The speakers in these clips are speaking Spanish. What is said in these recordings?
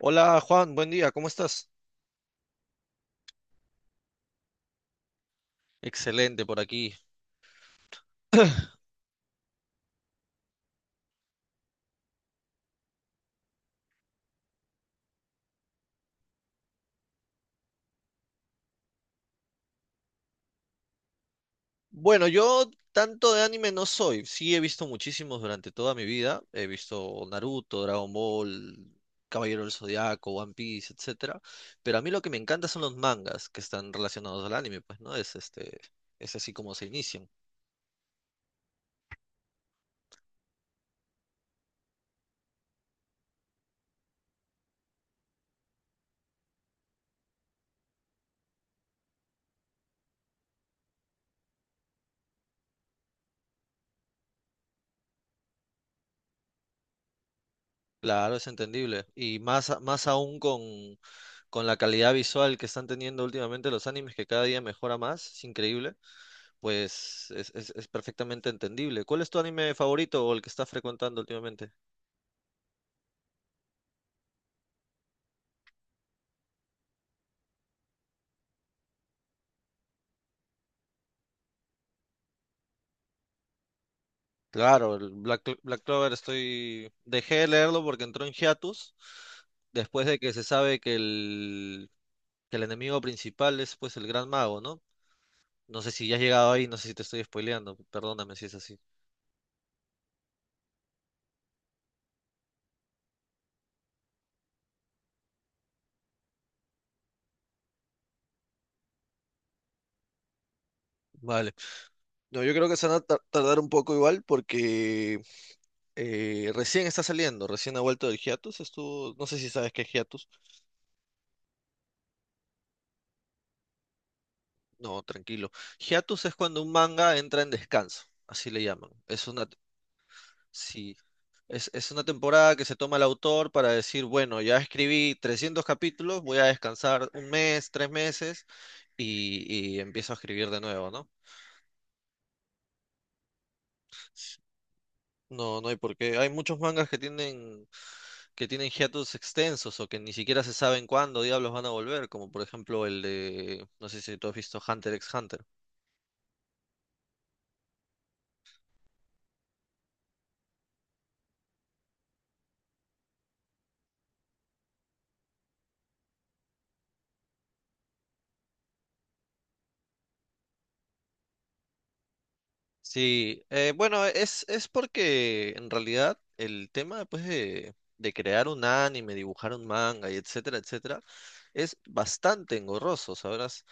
Hola Juan, buen día, ¿cómo estás? Excelente por aquí. Bueno, yo tanto de anime no soy, sí he visto muchísimos durante toda mi vida, he visto Naruto, Dragon Ball, Caballero del Zodiaco, One Piece, etcétera, pero a mí lo que me encanta son los mangas que están relacionados al anime, pues no es es así como se inician. Claro, es entendible y más más aún con la calidad visual que están teniendo últimamente los animes que cada día mejora más, es increíble. Pues es perfectamente entendible. ¿Cuál es tu anime favorito o el que estás frecuentando últimamente? Claro, el Black Clover estoy... Dejé de leerlo porque entró en hiatus después de que se sabe que el enemigo principal es pues el Gran Mago, ¿no? No sé si ya has llegado ahí, no sé si te estoy spoileando, perdóname si es así. Vale. No, yo creo que se van a tardar un poco igual porque recién está saliendo, recién ha vuelto del hiatus, estuvo, no sé si sabes qué es hiatus. No, tranquilo. Hiatus es cuando un manga entra en descanso, así le llaman. Sí, es una temporada que se toma el autor para decir, bueno, ya escribí 300 capítulos, voy a descansar un mes, 3 meses y empiezo a escribir de nuevo, ¿no? No, no hay por qué. Hay muchos mangas que tienen hiatus extensos o que ni siquiera se saben cuándo diablos van a volver, como por ejemplo el de, no sé si tú has visto Hunter x Hunter. Sí, bueno, es porque en realidad el tema pues, de crear un anime, dibujar un manga y etcétera, etcétera, es bastante engorroso, ¿sabrás?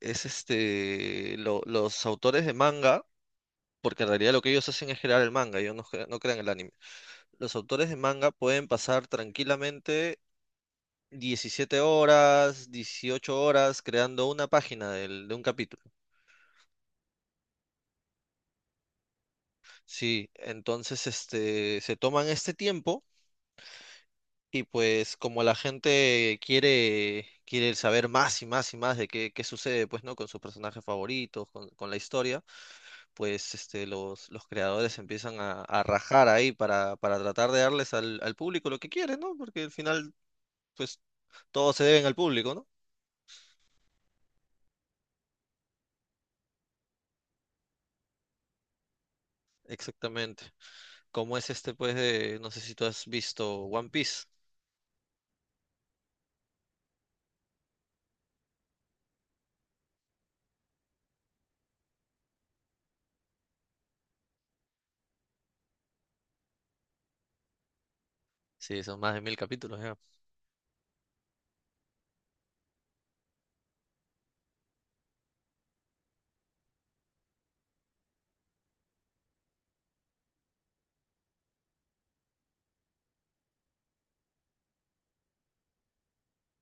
Los autores de manga, porque en realidad lo que ellos hacen es crear el manga, ellos no crean el anime. Los autores de manga pueden pasar tranquilamente 17 horas, 18 horas creando una página de un capítulo. Sí, entonces se toman este tiempo. Y pues como la gente quiere saber más y más y más de qué sucede, pues, ¿no? Con sus personajes favoritos, con la historia, pues los creadores empiezan a rajar ahí para tratar de darles al público lo que quieren, ¿no? Porque al final, pues, todos se deben al público, ¿no? Exactamente. Como es no sé si tú has visto One Piece. Sí, son más de 1.000 capítulos ya.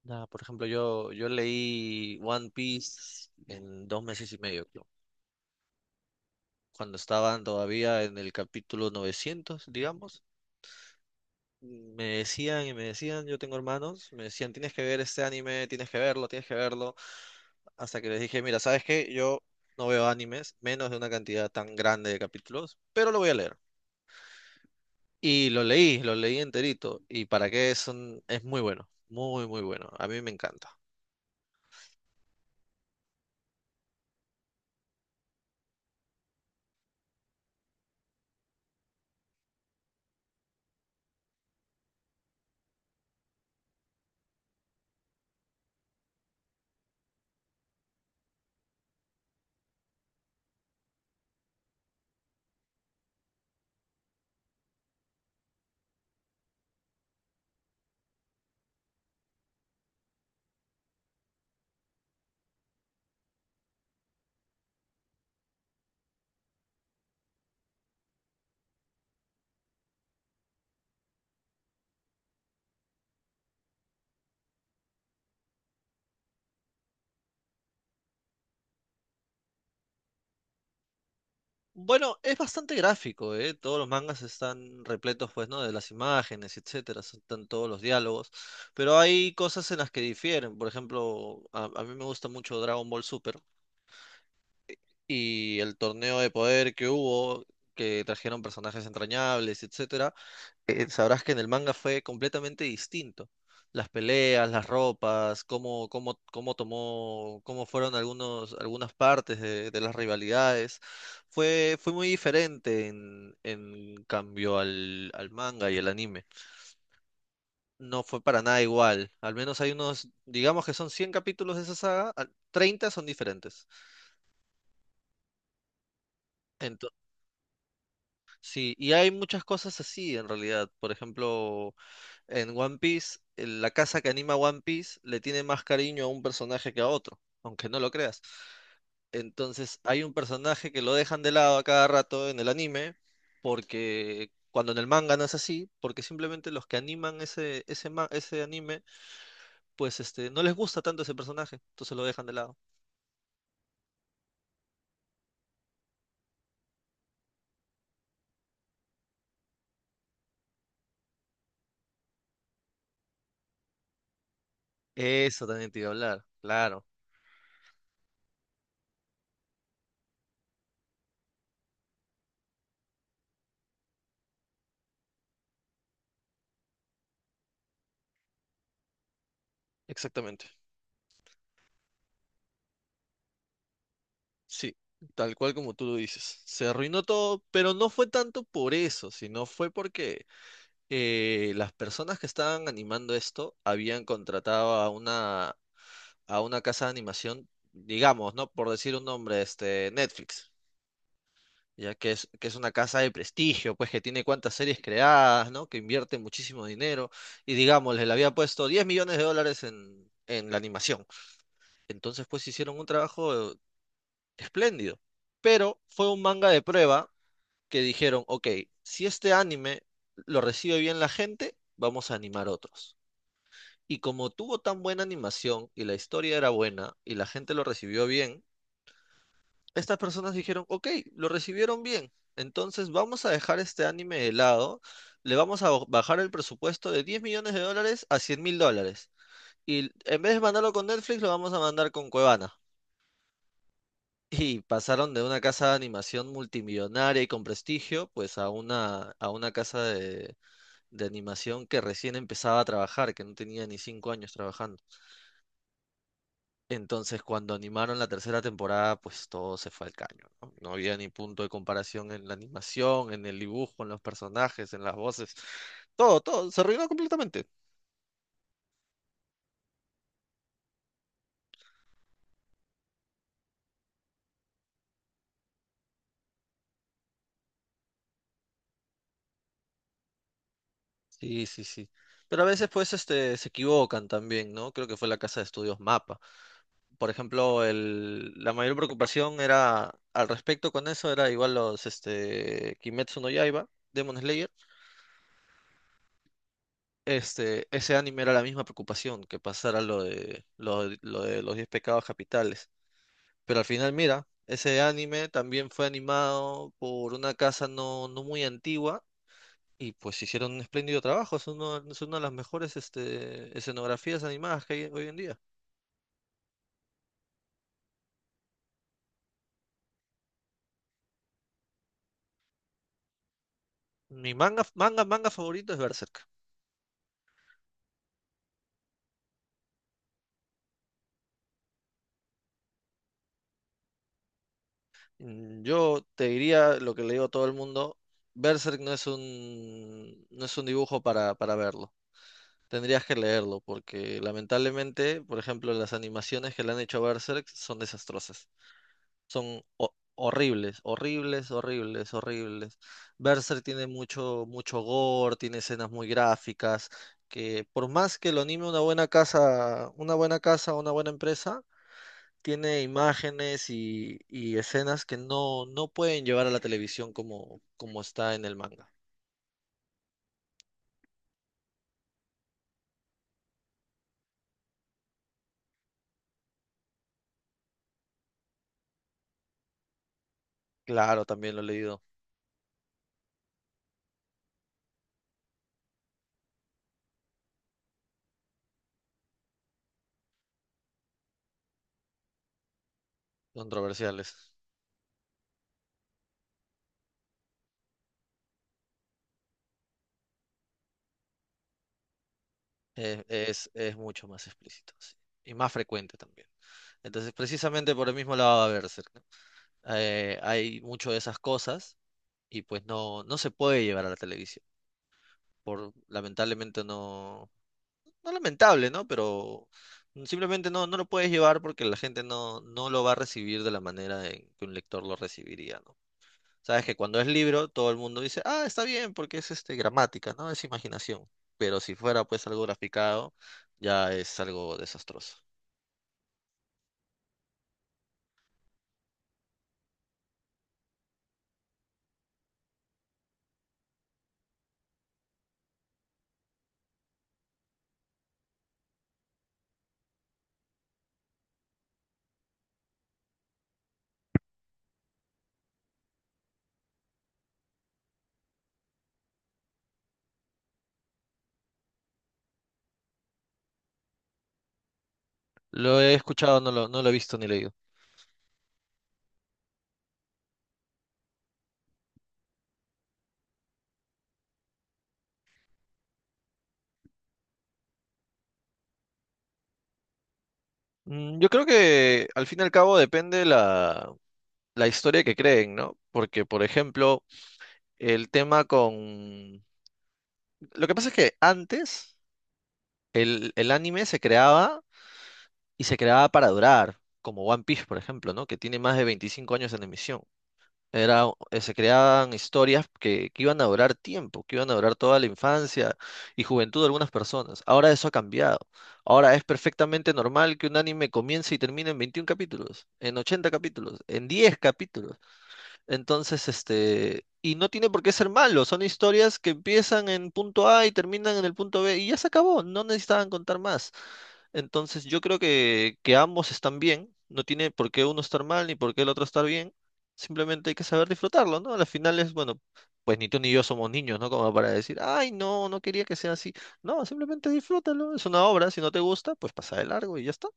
Nada, por ejemplo, yo leí One Piece en 2 meses y medio, creo. Cuando estaban todavía en el capítulo 900, digamos, me decían y me decían, yo tengo hermanos, me decían, tienes que ver este anime, tienes que verlo, hasta que les dije, mira, ¿sabes qué? Yo no veo animes, menos de una cantidad tan grande de capítulos, pero lo voy a leer. Y lo leí enterito, y para qué es muy bueno, muy, muy bueno, a mí me encanta. Bueno, es bastante gráfico, ¿eh? Todos los mangas están repletos, pues, ¿no? De las imágenes, etcétera, están todos los diálogos, pero hay cosas en las que difieren. Por ejemplo, a mí me gusta mucho Dragon Ball Super y el torneo de poder que hubo, que trajeron personajes entrañables, etcétera. Sabrás que en el manga fue completamente distinto. Las peleas, las ropas, cómo tomó, cómo fueron algunas partes de las rivalidades. Fue muy diferente en cambio al manga y el anime. No fue para nada igual. Al menos hay unos, digamos que son 100 capítulos de esa saga, 30 son diferentes. Ento- sí, y hay muchas cosas así en realidad. Por ejemplo, en One Piece, la casa que anima One Piece le tiene más cariño a un personaje que a otro, aunque no lo creas. Entonces, hay un personaje que lo dejan de lado a cada rato en el anime, porque cuando en el manga no es así, porque simplemente los que animan ese anime, pues no les gusta tanto ese personaje, entonces lo dejan de lado. Eso también te iba a hablar, claro, exactamente. Sí, tal cual como tú lo dices. Se arruinó todo, pero no fue tanto por eso, sino fue porque las personas que estaban animando esto habían contratado a una, casa de animación, digamos, ¿no? Por decir un nombre, Netflix, ya que es una casa de prestigio, pues que tiene cuantas series creadas, ¿no? Que invierte muchísimo dinero y, digamos, le había puesto 10 millones de dólares en la animación. Entonces, pues hicieron un trabajo espléndido, pero fue un manga de prueba que dijeron, ok, si este anime lo recibe bien la gente, vamos a animar otros. Y como tuvo tan buena animación y la historia era buena y la gente lo recibió bien, estas personas dijeron, ok, lo recibieron bien, entonces vamos a dejar este anime de lado, le vamos a bajar el presupuesto de 10 millones de dólares a 100 mil dólares. Y en vez de mandarlo con Netflix, lo vamos a mandar con Cuevana. Y pasaron de una casa de animación multimillonaria y con prestigio, pues a una, casa de animación que recién empezaba a trabajar, que no tenía ni 5 años trabajando. Entonces, cuando animaron la tercera temporada, pues todo se fue al caño, ¿no? No había ni punto de comparación en la animación, en el dibujo, en los personajes, en las voces. Todo, todo, se arruinó completamente. Sí, sí, sí. Pero a veces, pues, se equivocan también, ¿no? Creo que fue la casa de estudios Mapa. Por ejemplo, la mayor preocupación era, al respecto con eso, era igual Kimetsu no Yaiba, Demon Slayer. Ese anime era la misma preocupación que pasara lo de los 10 pecados capitales. Pero al final, mira, ese anime también fue animado por una casa no muy antigua y pues hicieron un espléndido trabajo. Es una de las mejores escenografías animadas que hay hoy en día. Mi manga favorito es Berserk. Yo te diría lo que le digo a todo el mundo, Berserk no es un dibujo para verlo. Tendrías que leerlo porque lamentablemente, por ejemplo, las animaciones que le han hecho a Berserk son desastrosas. Son horribles, horribles, horribles, horribles. Berserk tiene mucho, mucho gore, tiene escenas muy gráficas, que por más que lo anime una buena casa, una buena casa, una buena empresa, tiene imágenes y escenas que no pueden llevar a la televisión como está en el manga. Claro, también lo he leído, controversiales. Es mucho más explícito, sí, y más frecuente también. Entonces, precisamente por el mismo lado va Berserk, ¿no? Hay mucho de esas cosas y pues no se puede llevar a la televisión. Lamentablemente no, no lamentable, ¿no? Pero simplemente no lo puedes llevar porque la gente no lo va a recibir de la manera en que un lector lo recibiría, ¿no? Sabes que cuando es libro, todo el mundo dice, ah, está bien, porque es gramática, ¿no? Es imaginación. Pero si fuera pues algo graficado, ya es algo desastroso. Lo he escuchado, no lo he visto ni leído. Yo creo que al fin y al cabo depende la historia que creen, ¿no? Porque, por ejemplo, el tema con... Lo que pasa es que antes el anime se creaba y se creaba para durar, como One Piece, por ejemplo, ¿no? Que tiene más de 25 años en emisión. Se creaban historias que iban a durar tiempo, que iban a durar toda la infancia y juventud de algunas personas. Ahora eso ha cambiado. Ahora es perfectamente normal que un anime comience y termine en 21 capítulos, en 80 capítulos, en 10 capítulos. Entonces, y no tiene por qué ser malo, son historias que empiezan en punto A y terminan en el punto B y ya se acabó, no necesitaban contar más. Entonces, yo creo que ambos están bien, no tiene por qué uno estar mal ni por qué el otro estar bien, simplemente hay que saber disfrutarlo, ¿no? Al final es, bueno, pues ni tú ni yo somos niños, ¿no? Como para decir, ay, no, no quería que sea así. No, simplemente disfrútalo, es una obra, si no te gusta, pues pasa de largo y ya está.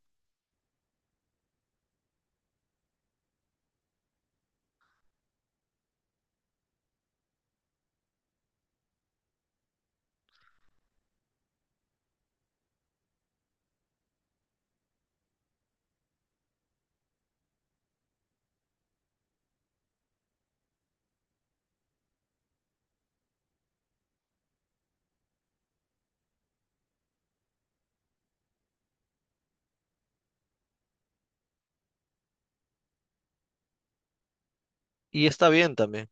Y está bien también,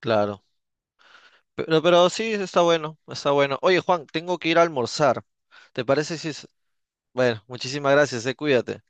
claro. Pero sí, está bueno, está bueno. Oye, Juan, tengo que ir a almorzar. ¿Te parece si es... Bueno, muchísimas gracias, cuídate.